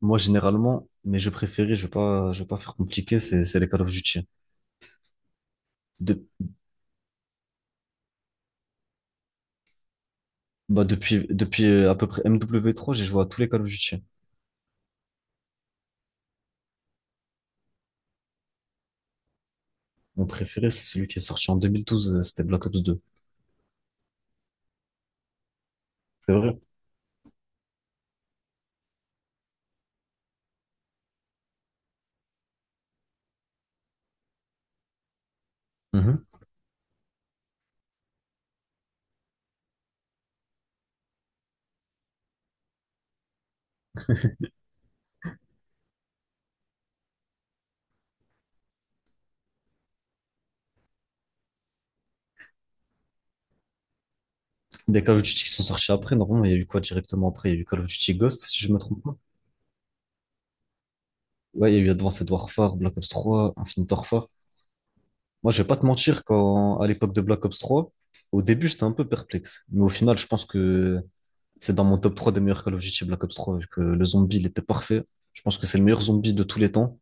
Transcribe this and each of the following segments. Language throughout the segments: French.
Moi, généralement, mes jeux préférés, je vais pas faire compliqué, c'est les Call of Duty. De- bah, depuis à peu près MW3, j'ai joué à tous les Call of Duty. Mon préféré, c'est celui qui est sorti en 2012, c'était Black Ops 2. C'est vrai? Mhm. Des Call of Duty qui sont sortis après, normalement, il y a eu quoi directement après? Il y a eu Call of Duty Ghost, si je me trompe pas. Ouais, il y a eu Advanced Warfare, Black Ops 3, Infinite Warfare. Moi, je vais pas te mentir, quand, à l'époque de Black Ops 3, au début, j'étais un peu perplexe. Mais au final, je pense que c'est dans mon top 3 des meilleurs Call of Duty Black Ops 3, vu que le zombie, il était parfait. Je pense que c'est le meilleur zombie de tous les temps.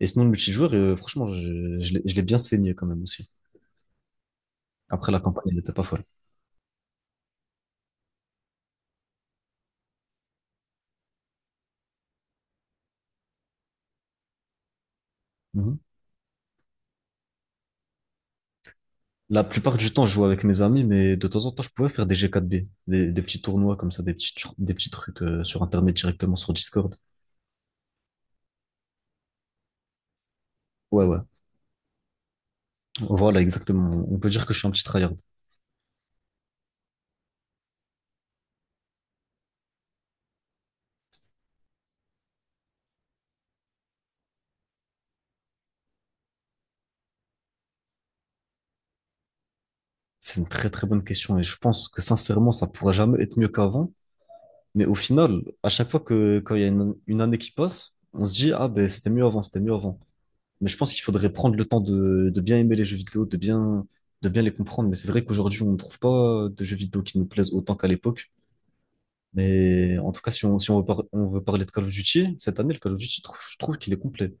Et sinon, le multijoueur, franchement, je l'ai bien saigné quand même aussi. Après, la campagne, elle n'était pas folle. Mhm. La plupart du temps, je jouais avec mes amis, mais de temps en temps, je pouvais faire des G4B, des petits tournois comme ça, des petits trucs sur Internet directement sur Discord. Ouais, ouais. Voilà, exactement. On peut dire que je suis un petit tryhard. C'est une très très bonne question et je pense que sincèrement, ça pourra jamais être mieux qu'avant. Mais au final, à chaque fois que quand il y a une année qui passe, on se dit, ah ben c'était mieux avant, c'était mieux avant. Mais je pense qu'il faudrait prendre le temps de bien aimer les jeux vidéo, de bien les comprendre. Mais c'est vrai qu'aujourd'hui, on ne trouve pas de jeux vidéo qui nous plaisent autant qu'à l'époque. Mais en tout cas, si on, si on veut, par- on veut parler de Call of Duty, cette année, le Call of Duty, je trouve qu'il est complet.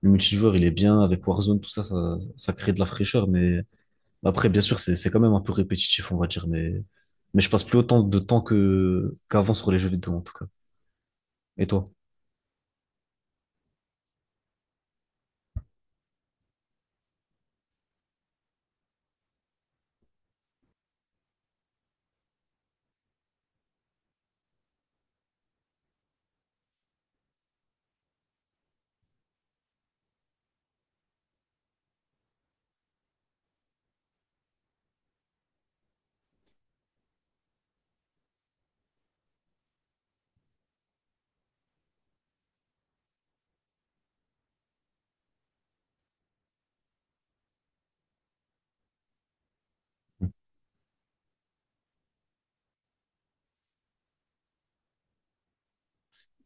Le multijoueur, il est bien, avec Warzone, tout ça, ça crée de la fraîcheur. Mais après, bien sûr, c'est quand même un peu répétitif, on va dire. Mais je passe plus autant de temps qu'avant sur les jeux vidéo, en tout cas. Et toi?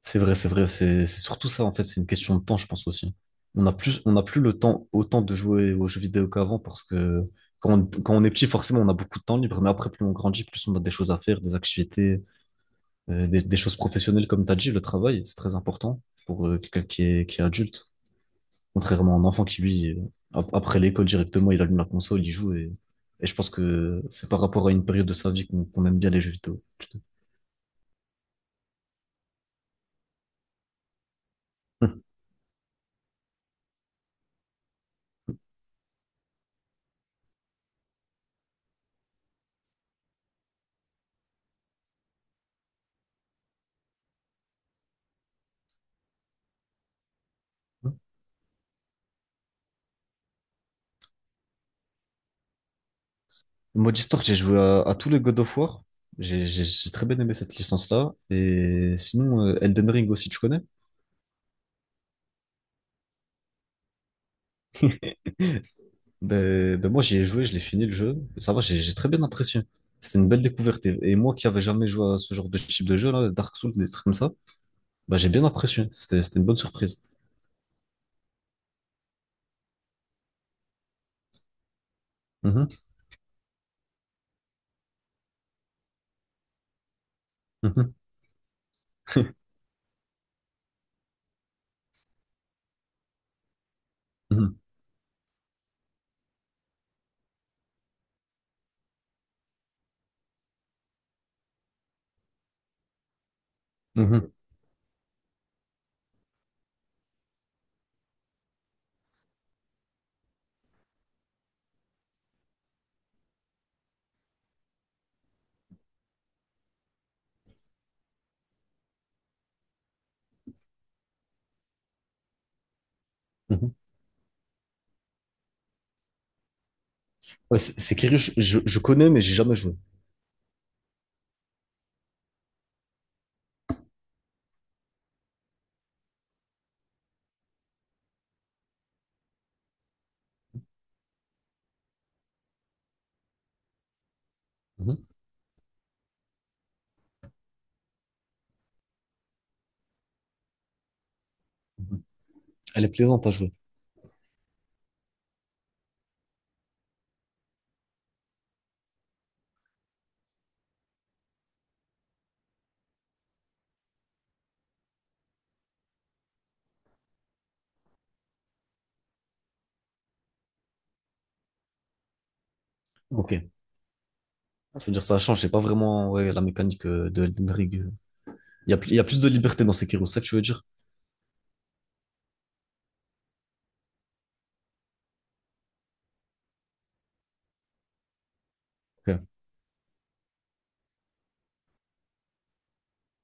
C'est vrai, c'est vrai, c'est surtout ça en fait, c'est une question de temps, je pense aussi. On n'a plus le temps autant de jouer aux jeux vidéo qu'avant parce que quand on est petit, forcément, on a beaucoup de temps libre, mais après, plus on grandit, plus on a des choses à faire, des activités, des choses professionnelles, comme tu as dit, le travail, c'est très important pour quelqu'un qui est adulte, contrairement à un enfant qui, lui, après l'école directement, il allume la console, il joue, et je pense que c'est par rapport à une période de sa vie qu'on aime bien les jeux vidéo. Mode Histoire, j'ai joué à tous les God of War. J'ai très bien aimé cette licence-là. Et sinon, Elden Ring aussi, tu connais? Ben moi, j'y ai joué, je l'ai fini le jeu. Ça va, j'ai très bien apprécié. C'était une belle découverte. Et moi qui avais jamais joué à ce genre de type de jeu, là, Dark Souls, des trucs comme ça, ben, j'ai bien apprécié. C'était une bonne surprise. Mhm, mhm, mhm, mhm, mhm. Ouais, c'est curieux, je connais, mais j'ai jamais joué. Mhm, mhm. Elle est plaisante à jouer. Ok. C'est-à-dire ça change, c'est pas vraiment ouais, la mécanique de Elden Ring. Il y a plus de liberté dans Sekiro, c'est ça que tu veux dire? Ok.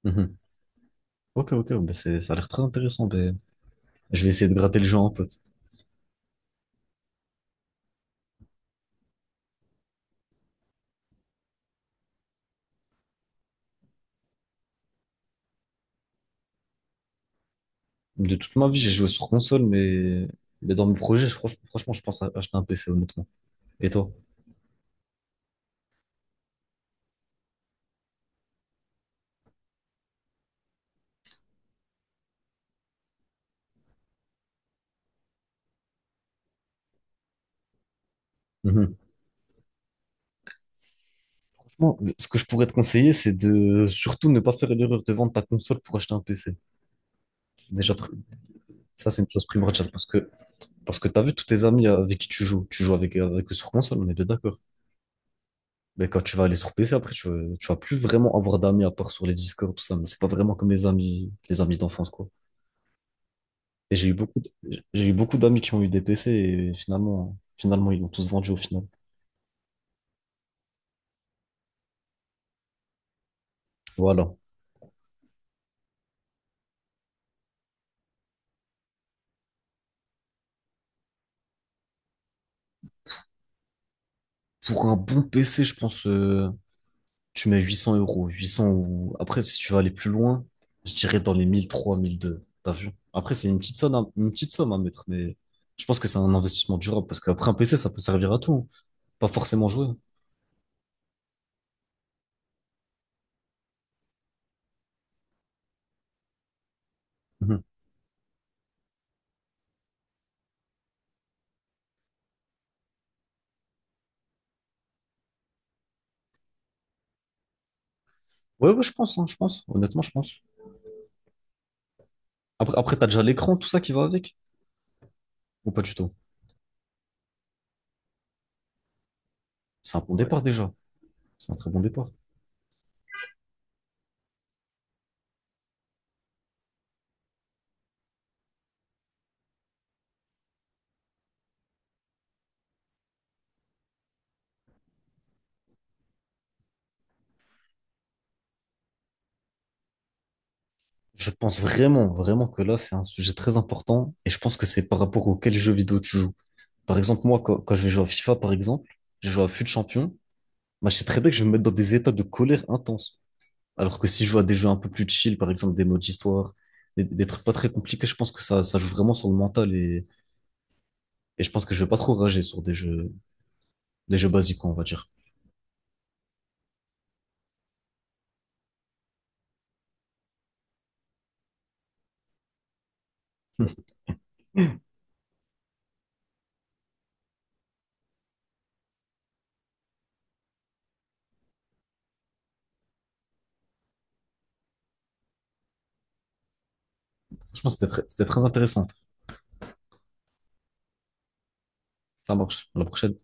Mhm. Ok, ok, ben ça a l'air très intéressant. Ben, je vais essayer de gratter le jeu en pote. De toute ma vie, j'ai joué sur console, mais dans mes projets, franchement, je pense à acheter un PC, honnêtement. Et toi? Mhm. Franchement, ce que je pourrais te conseiller, c'est de surtout ne pas faire l'erreur de vendre ta console pour acheter un PC. Déjà, pr- ça, c'est une chose primordiale parce que t'as vu tous tes amis avec qui tu joues avec eux sur console, on est bien d'accord. Mais quand tu vas aller sur PC, après, tu vas plus vraiment avoir d'amis à part sur les Discord, tout ça. Mais c'est pas vraiment comme les amis d'enfance, quoi. Et j'ai eu j'ai eu beaucoup d'amis qui ont eu des PC et finalement, ils l'ont tous vendu au final. Voilà. Pour un bon PC, je pense, tu mets 800 euros, 800 ou... Après, si tu veux aller plus loin, je dirais dans les 1003, 1002, t'as vu? Après, c'est une petite somme, une petite somme à mettre, mais je pense que c'est un investissement durable, parce qu'après un PC, ça peut servir à tout, hein. Pas forcément jouer. Mhm. Ouais, ouais, je pense, hein, je pense, honnêtement, je pense. Après, t'as déjà l'écran, tout ça qui va avec, ou pas du tout? C'est un bon, ouais, départ déjà, c'est un très bon départ. Je pense vraiment, vraiment que là, c'est un sujet très important, et je pense que c'est par rapport auquel jeu vidéo tu joues. Par exemple, moi, quand je vais jouer à FIFA, par exemple, je joue à FUT Champion. Moi, je sais très bien que je vais me mettre dans des états de colère intense. Alors que si je joue à des jeux un peu plus chill, par exemple des modes d'histoire, des trucs pas très compliqués, je pense que ça joue vraiment sur le mental et je pense que je vais pas trop rager sur des jeux basiques, on va dire. Hum, Franchement, c'était très intéressant. Ça marche. À la prochaine.